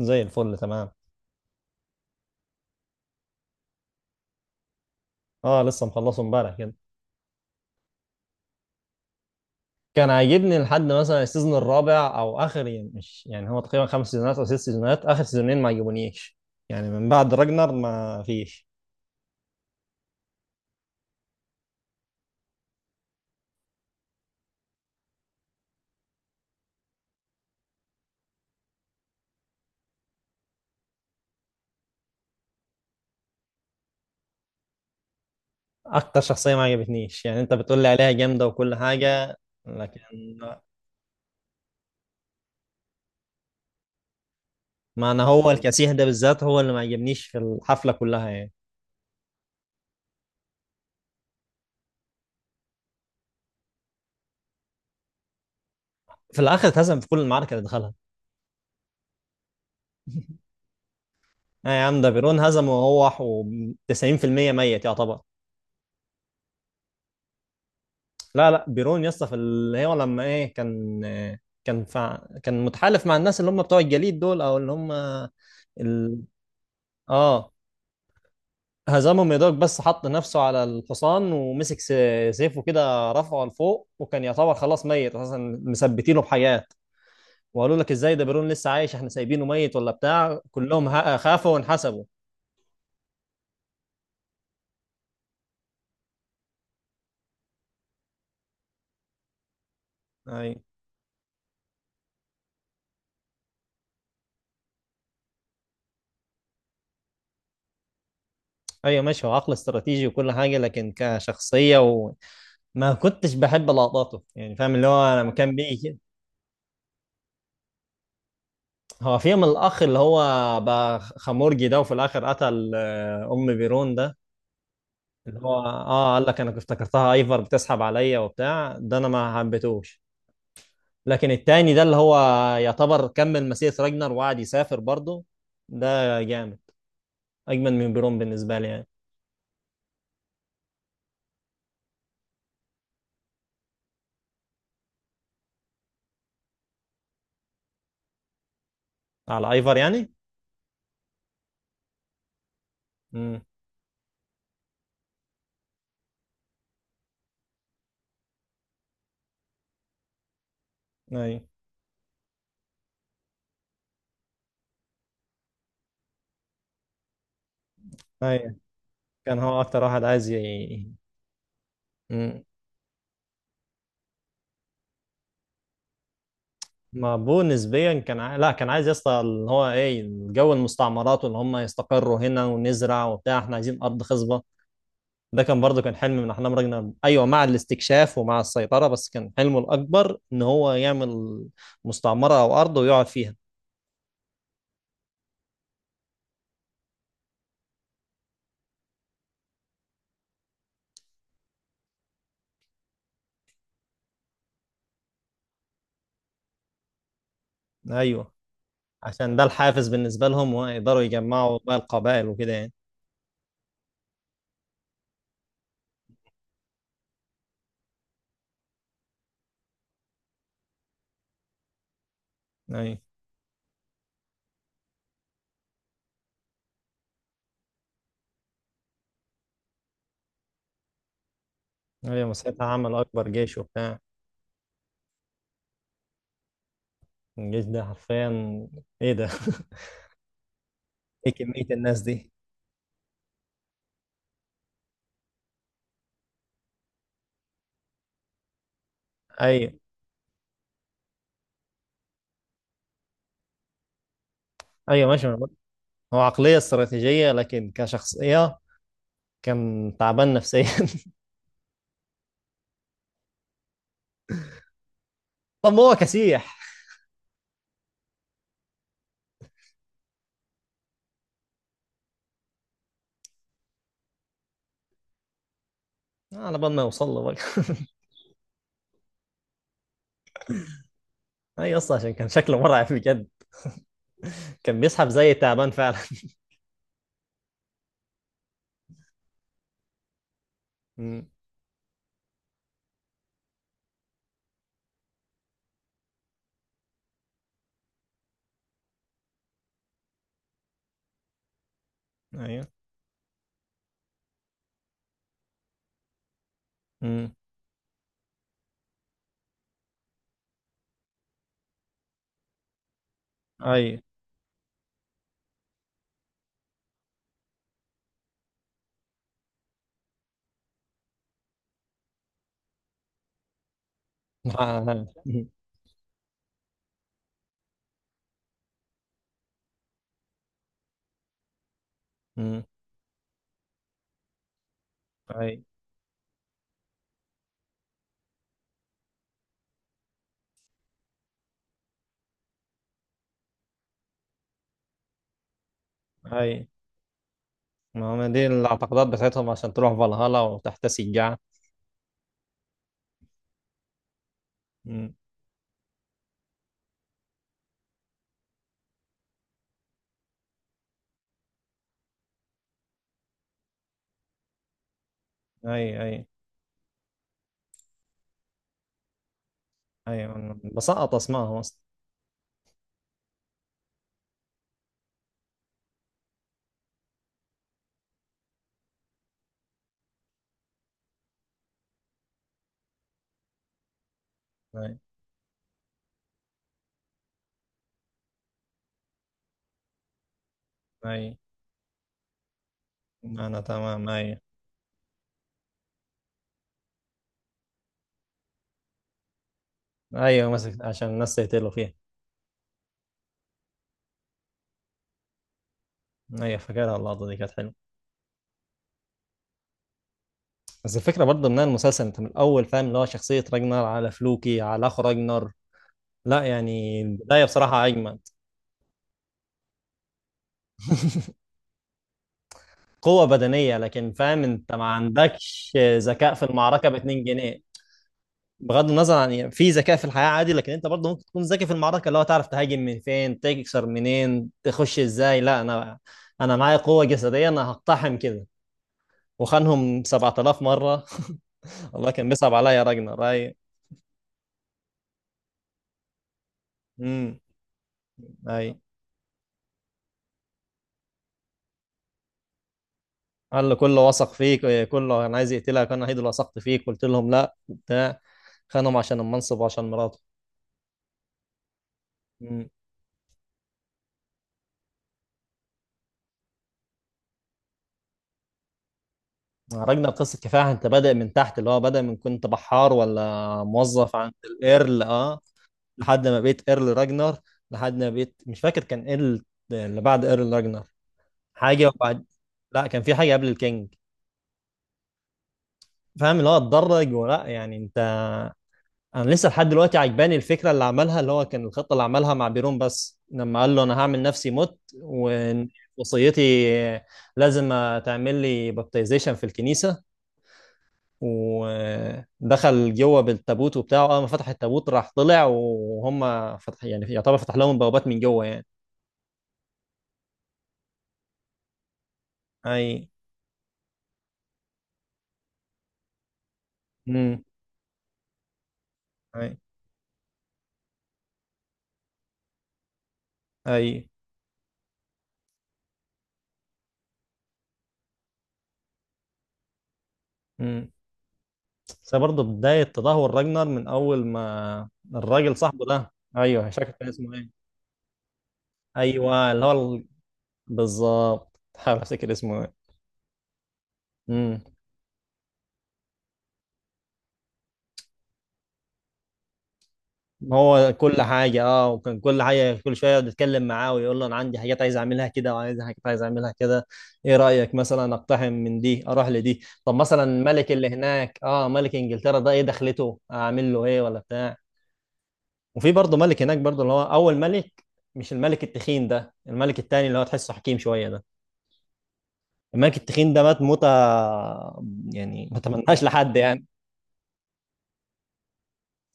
زي الفل تمام. اه، لسه مخلصه امبارح كده. كان عاجبني لحد مثلا السيزون الرابع او اخر، يعني مش، يعني هو تقريبا خمس سيزونات او ست سيزونات، اخر سيزونين ما عجبونيش، يعني من بعد راجنر ما فيش. اكتر شخصيه ما عجبتنيش، يعني انت بتقول لي عليها جامده وكل حاجه، لكن ما انا هو الكسيه ده بالذات هو اللي ما عجبنيش في الحفله كلها يعني. في الاخر اتهزم في كل المعركه اللي دخلها. يا عم ده بيرون هزمه وهو 90% ميت يعتبر. لا لا، بيرون يا اسطى، في اللي هو لما ايه كان، كان فع... كان متحالف مع الناس اللي هم بتوع الجليد دول، او اللي هم ال... اه، هزمهم يا دوب، بس حط نفسه على الحصان ومسك سيفه كده، رفعه لفوق، وكان يعتبر خلاص ميت اساسا، مثبتينه بحاجات، وقالوا لك ازاي ده بيرون لسه عايش، احنا سايبينه ميت ولا بتاع، كلهم خافوا وانحسبوا. ايوه ايوه ماشي، هو عقل استراتيجي وكل حاجه، لكن كشخصيه وما كنتش بحب لقطاته يعني، فاهم اللي هو لما كان بيجي. هو فيهم الأخ اللي هو بقى خمورجي ده، وفي الآخر قتل أم بيرون ده، اللي هو قال لك أنا كنت افتكرتها أيفر بتسحب عليا وبتاع، ده أنا ما حبيتهوش. لكن التاني ده اللي هو يعتبر كمل مسيرة راجنر، وقعد يسافر برضه. ده جامد، أجمل من بيرون بالنسبة لي يعني. على أيفر يعني؟ امم. أيوه أيوه، كان هو أكتر واحد عايز ما بو نسبيا لا، كان عايز يا اسطى اللي هو ايه، جو المستعمرات، واللي هم يستقروا هنا ونزرع وبتاع، احنا عايزين ارض خصبه. ده كان برضه كان حلم من احلام راجنر، ايوه، مع الاستكشاف ومع السيطره، بس كان حلمه الاكبر ان هو يعمل مستعمره او ارض ويقعد فيها. ايوه، عشان ده الحافز بالنسبه لهم، ويقدروا يجمعوا بقى القبائل وكده يعني. ايوه ايوه مساعتها عمل اكبر جيش وبتاع. الجيش ده حرفيا ايه ده ايه كميه الناس دي. ايوه ايوه ماشي، هو عقلية استراتيجية، لكن كشخصية كان تعبان نفسيا طب هو كسيح. على بال ما يوصل له بقى اي، اصلا عشان كان شكله مرعب بجد، كان بيسحب زي تعبان فعلا أمم، ايوه. أمم، اي أمم. اي اي، ما هم دي الاعتقادات بتاعتهم، عشان تروح فالهالا وتحتسي الجعة. أمم. اي اي اي، أنا بسقط اسمائهم اصلا. اي اي، انا تمام. اي. ايوه مسك عشان الناس تقتلوا فيها. ايوه فاكرها، اللقطة دي كانت حلوة. بس الفكرة برضه ان أنا المسلسل، انت من الاول فاهم اللي هو شخصية راجنر على فلوكي، على اخو راجنر. لا يعني البداية بصراحة اجمد. قوة بدنية، لكن فاهم انت ما عندكش ذكاء في المعركة ب 2 جنيه. بغض النظر عن، يعني في ذكاء في الحياة عادي، لكن انت برضه ممكن تكون ذكي في المعركة، اللي هو تعرف تهاجم من فين، تكسر منين، تخش ازاي، لا انا، انا معايا قوة جسدية، انا هقتحم كده. وخانهم 7000 مرة الله، كان بيصعب عليا يا راجنر. اي. امم. اي. قال له كله وثق فيك كله كان عايز يقتلك، انا الوحيد اللي وثقت فيك، قلت لهم لا بتاع خانهم عشان المنصب وعشان مراته. مم. عرجنا لقصه كفاح، انت بادئ من تحت، اللي هو بادئ من، كنت بحار ولا موظف عند الايرل، اه، لحد ما بقيت ايرل راجنر، لحد ما بقيت مش فاكر كان ايه اللي بعد ايرل راجنر، حاجه وبعد، لا كان في حاجه قبل الكينج، فاهم اللي هو اتدرج، ولا يعني انت. انا لسه لحد دلوقتي عجباني الفكره اللي عملها، اللي هو كان الخطه اللي عملها مع بيرون، بس لما قال له انا هعمل نفسي مت، ووصيتي لازم تعمل لي بابتيزيشن في الكنيسه. ودخل جوه بالتابوت وبتاعه، اول ما فتح التابوت راح طلع وهم، فتح يعني يعتبر فتح لهم بوابات من جوه يعني. اي. امم. اي اي. امم. بس برضه بدايه تدهور راجنر من اول ما الراجل صاحبه ده، ايوه مش فاكر كان اسمه ايه. ايوه اللي هو، بالظبط، تحاول افتكر اسمه ايه. امم. هو كل حاجه، اه، وكان كل حاجه، كل شويه بيتكلم معاه ويقول له انا عندي حاجات عايز اعملها كده، وعايز حاجات عايز اعملها كده، ايه رايك مثلا اقتحم من دي، اروح لدي، طب مثلا الملك اللي هناك، اه، ملك انجلترا ده ايه دخلته، اعمل له ايه ولا بتاع. وفي برضه ملك هناك برضه، اللي هو اول ملك، مش الملك التخين ده، الملك التاني اللي هو تحسه حكيم شويه ده. الملك التخين ده مات موتة يعني ما تمناش لحد يعني.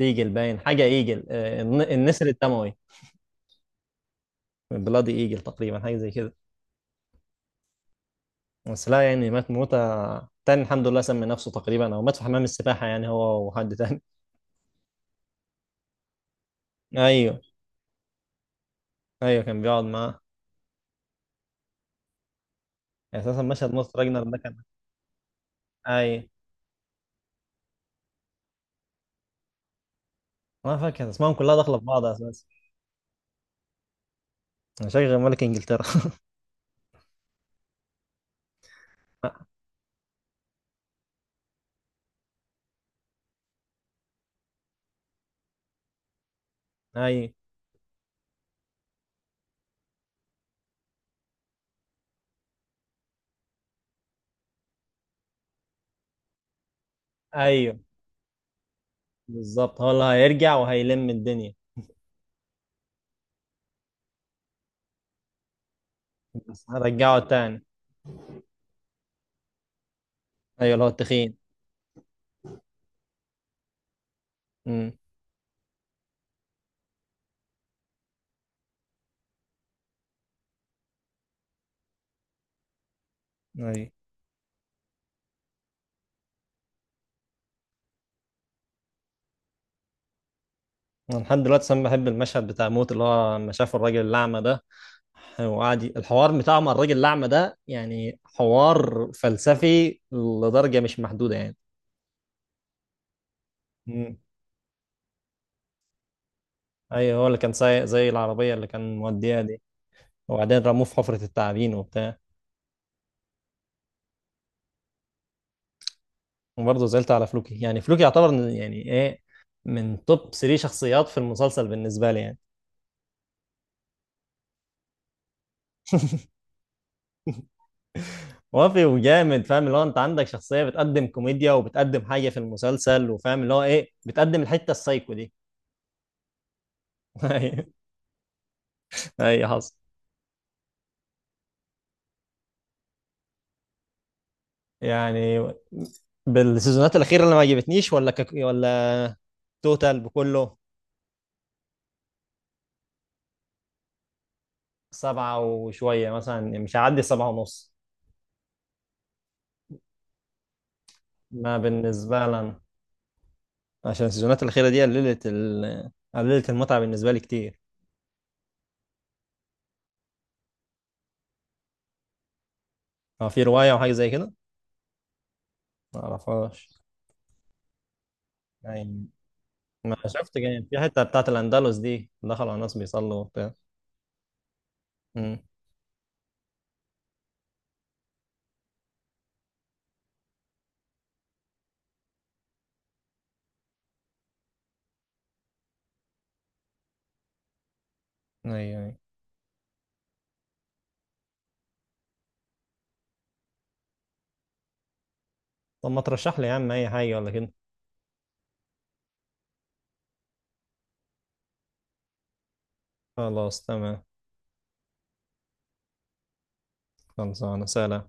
ايجل باين حاجه، ايجل، النسر الدموي، بلادي ايجل تقريبا، حاجه زي كده. بس لا يعني مات موتة تاني الحمد لله، سمي نفسه تقريبا، او مات في حمام السباحه يعني، هو وحد تاني ايوه ايوه، كان بيقعد معاه، يعني اساسا مشهد ماتش راجنر ده كان. ايوه. ما فاكر اسمائهم كلها داخله في بعض اساسا. شغل ملك انجلترا ايوه ايوه بالظبط، هو اللي هيرجع وهيلم الدنيا. بس هرجعه تاني. ايوه اللي هو التخين. امم. ايوه. انا لحد دلوقتي انا بحب المشهد بتاع موت، اللي هو لما شاف الراجل الاعمى ده، وقعد الحوار بتاعه مع الراجل الأعمى ده، يعني حوار فلسفي لدرجة مش محدودة يعني. مم. أيوه، هو اللي كان سايق زي العربية اللي كان موديها دي. وبعدين رموه في حفرة التعابين وبتاع. وبرضه زعلت على فلوكي، يعني فلوكي يعتبر يعني إيه، من توب 3 شخصيات في المسلسل بالنسبة لي يعني. وافي وجامد، فاهم اللي هو انت عندك شخصية بتقدم كوميديا، وبتقدم حاجة في المسلسل، وفاهم اللي هو ايه بتقدم الحتة السايكو دي ايوه، أيوة، حصل. يعني بالسيزونات الأخيرة اللي ما عجبتنيش، ولا توتال بكله. سبعة وشوية مثلا يعني، مش هعدي سبعة ونص. ما بالنسبة لنا، عشان السيزونات الأخيرة دي قللت المتعة بالنسبة لي كتير. هو في رواية وحاجة زي كده؟ ما أعرفهاش. يعني ما شفت جاي في حتة بتاعت الأندلس دي، دخلوا على ناس بيصلوا وبتاع. امم. أيوه. أيوة. طب ما ترشح لي يا عم أي حاجة ولا كده. خلاص تمام. خلصانة، سلام.